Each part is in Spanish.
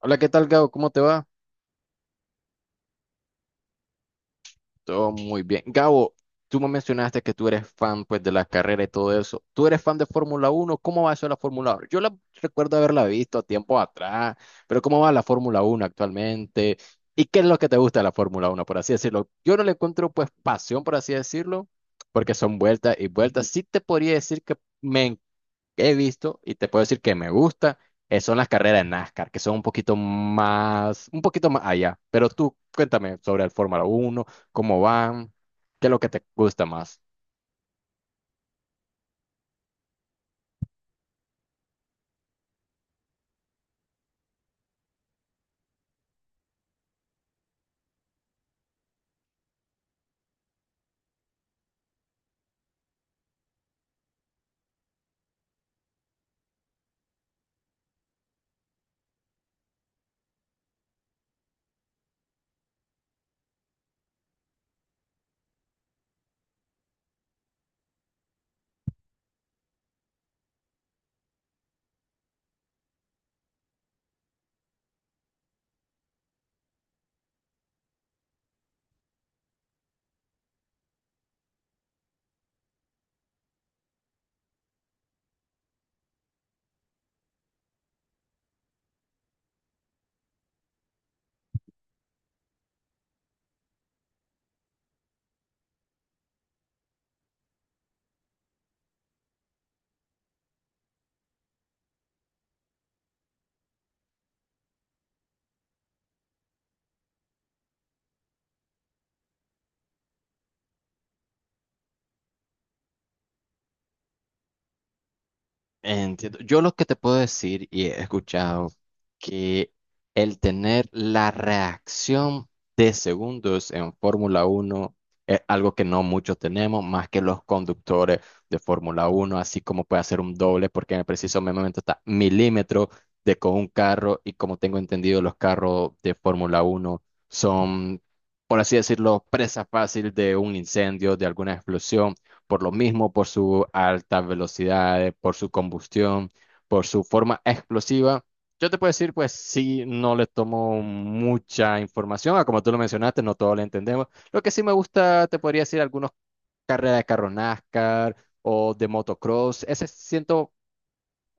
Hola, ¿qué tal, Gabo? ¿Cómo te va? Todo muy bien. Gabo, tú me mencionaste que tú eres fan pues de la carrera y todo eso. ¿Tú eres fan de Fórmula Uno? ¿Cómo va eso de la Fórmula Uno? Yo la recuerdo haberla visto a tiempo atrás, pero ¿cómo va la Fórmula Uno actualmente? ¿Y qué es lo que te gusta de la Fórmula Uno, por así decirlo? Yo no le encuentro pues pasión, por así decirlo, porque son vueltas y vueltas. Sí te podría decir que me he visto y te puedo decir que me gusta, son las carreras de NASCAR, que son un poquito más allá. Pero tú cuéntame sobre el Fórmula Uno cómo van, qué es lo que te gusta más. Entiendo. Yo lo que te puedo decir y he escuchado que el tener la reacción de segundos en Fórmula Uno es algo que no muchos tenemos, más que los conductores de Fórmula Uno, así como puede hacer un doble, porque en el preciso momento está milímetro de con un carro y como tengo entendido, los carros de Fórmula Uno son, por así decirlo, presa fácil de un incendio, de alguna explosión por lo mismo, por su alta velocidad, por su combustión, por su forma explosiva. Yo te puedo decir, pues sí, no le tomo mucha información, como tú lo mencionaste, no todo lo entendemos. Lo que sí me gusta, te podría decir, algunos carreras de carro NASCAR o de motocross, ese siento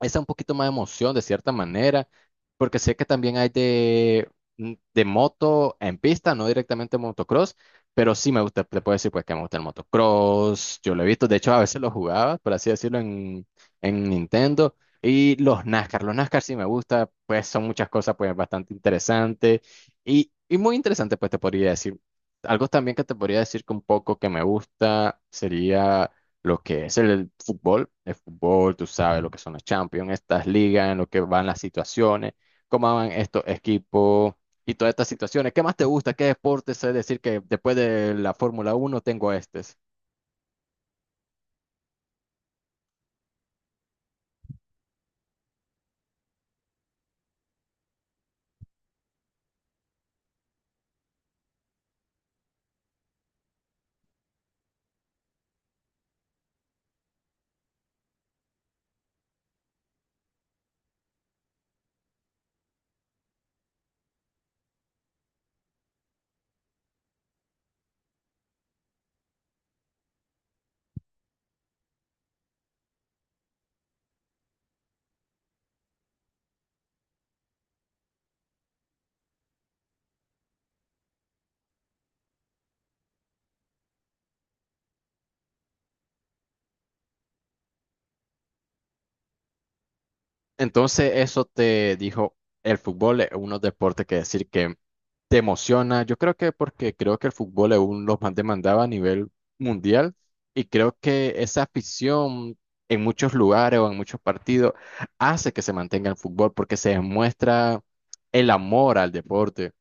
esa un poquito más de emoción de cierta manera, porque sé que también hay de, de moto en pista, no directamente motocross, pero sí me gusta, le puedo decir pues que me gusta el motocross, yo lo he visto, de hecho a veces lo jugaba, por así decirlo, en Nintendo, y los NASCAR sí me gusta, pues son muchas cosas pues bastante interesantes, y muy interesante pues te podría decir, algo también que te podría decir que un poco que me gusta sería lo que es el fútbol, tú sabes lo que son los Champions, estas ligas, en lo que van las situaciones, cómo van estos equipos y todas estas situaciones. ¿Qué más te gusta? ¿Qué deporte? Sé decir que después de la Fórmula Uno tengo este. Entonces, eso te dijo, el fútbol es uno deporte que decir que te emociona. Yo creo que porque creo que el fútbol es uno de los más demandados a nivel mundial y creo que esa afición en muchos lugares o en muchos partidos hace que se mantenga el fútbol porque se demuestra el amor al deporte.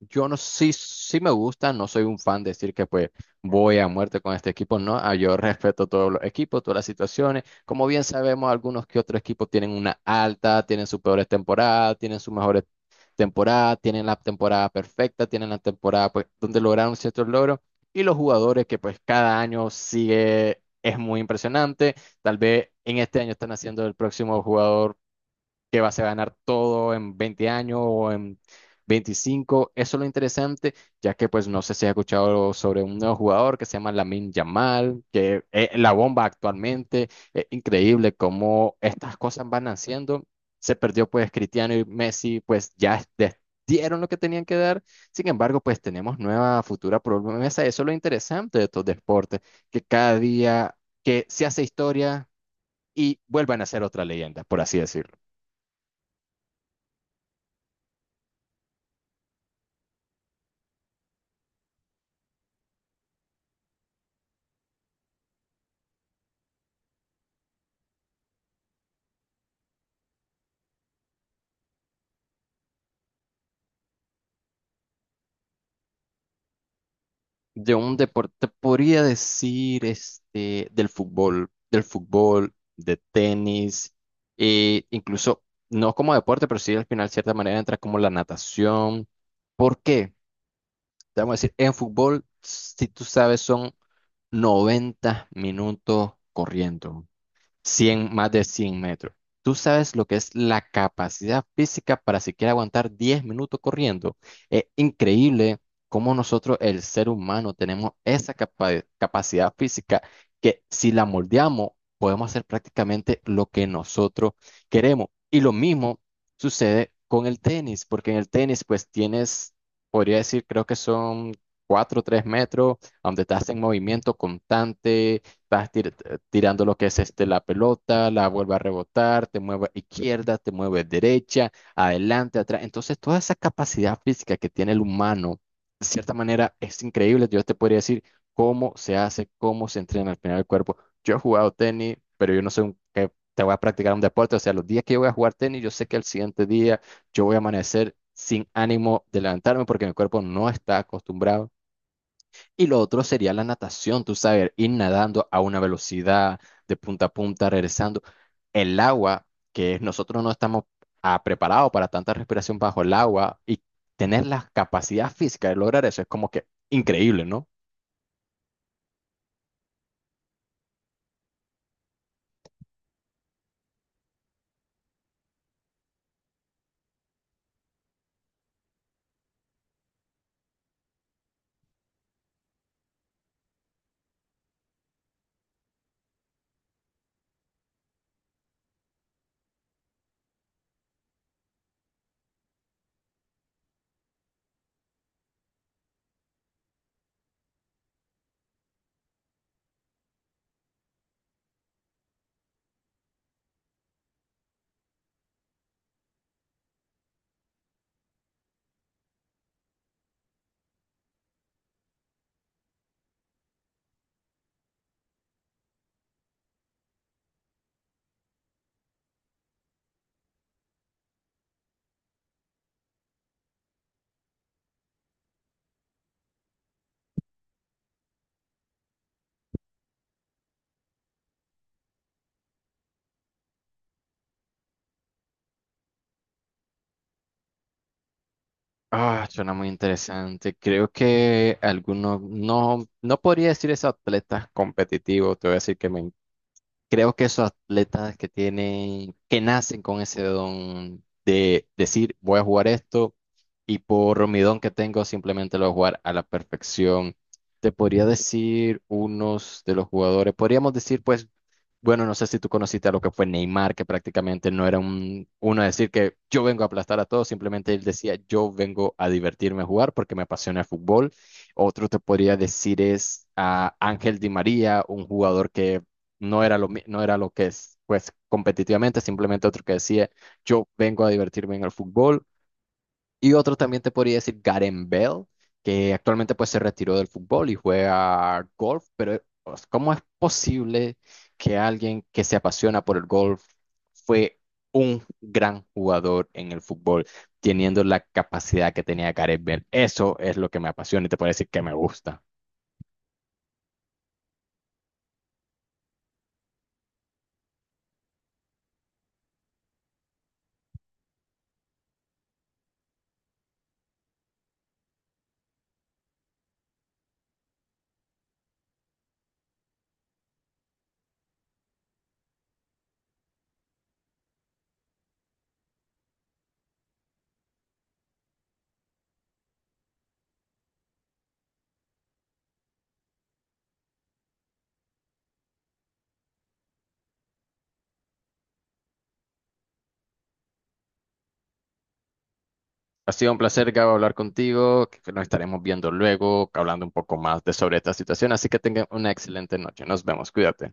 Yo no sí, sí me gusta, no soy un fan de decir que pues voy a muerte con este equipo, no, ah, yo respeto todos los equipos, todas las situaciones, como bien sabemos, algunos que otros equipos tienen una alta, tienen sus peores temporadas, tienen sus mejores temporadas, tienen la temporada perfecta, tienen la temporada pues donde lograron ciertos logros y los jugadores que pues cada año sigue, es muy impresionante, tal vez en este año están haciendo el próximo jugador que vas a ganar todo en 20 años o en 25. Eso es lo interesante, ya que pues no sé si has escuchado sobre un nuevo jugador que se llama Lamine Yamal, que es la bomba actualmente. Es increíble cómo estas cosas van naciendo. Se perdió pues Cristiano y Messi, pues ya dieron lo que tenían que dar. Sin embargo, pues tenemos nueva futura promesa. Eso es lo interesante de estos deportes, que cada día que se hace historia y vuelvan a ser otra leyenda, por así decirlo. De un deporte, podría decir, este, del fútbol, de tenis, e incluso, no como deporte, pero sí al final, de cierta manera, entra como la natación. ¿Por qué? Te vamos a decir, en fútbol, si tú sabes, son 90 minutos corriendo. 100, más de 100 metros. ¿Tú sabes lo que es la capacidad física para siquiera aguantar 10 minutos corriendo? Es increíble cómo nosotros, el ser humano, tenemos esa capacidad física que si la moldeamos, podemos hacer prácticamente lo que nosotros queremos. Y lo mismo sucede con el tenis, porque en el tenis, pues tienes, podría decir, creo que son 4 o 3 metros, donde estás en movimiento constante. Estás tirando lo que es este, la pelota, la vuelve a rebotar, te mueve a izquierda, te mueve derecha, adelante, atrás. Entonces, toda esa capacidad física que tiene el humano, de cierta manera, es increíble. Yo te podría decir cómo se hace, cómo se entrena al final del cuerpo. Yo he jugado tenis, pero yo no sé que te voy a practicar un deporte. O sea, los días que yo voy a jugar tenis, yo sé que al siguiente día yo voy a amanecer sin ánimo de levantarme porque mi cuerpo no está acostumbrado. Y lo otro sería la natación, tú sabes, ir nadando a una velocidad de punta a punta, regresando. El agua, que nosotros no estamos preparados para tanta respiración bajo el agua y tener la capacidad física de lograr eso es como que increíble, ¿no? Ah, suena muy interesante. Creo que algunos, no, no podría decir es atletas competitivos, te voy a decir que me. Creo que esos atletas que tienen, que nacen con ese don de decir, voy a jugar esto y por mi don que tengo simplemente lo voy a jugar a la perfección. Te podría decir unos de los jugadores, podríamos decir pues bueno, no sé si tú conociste a lo que fue Neymar, que prácticamente no era uno a decir que yo vengo a aplastar a todos, simplemente él decía yo vengo a divertirme a jugar porque me apasiona el fútbol. Otro te podría decir es a Ángel Di María, un jugador que no era lo, no era lo que es, pues competitivamente, simplemente otro que decía yo vengo a divertirme en el fútbol. Y otro también te podría decir Garen Bell, que actualmente pues se retiró del fútbol y juega golf, pero pues, ¿cómo es posible que alguien que se apasiona por el golf fue un gran jugador en el fútbol, teniendo la capacidad que tenía Garen Bell? Eso es lo que me apasiona y te puedo decir que me gusta. Ha sido un placer, Gabo, hablar contigo, que nos estaremos viendo luego, hablando un poco más de sobre esta situación, así que tengan una excelente noche. Nos vemos, cuídate.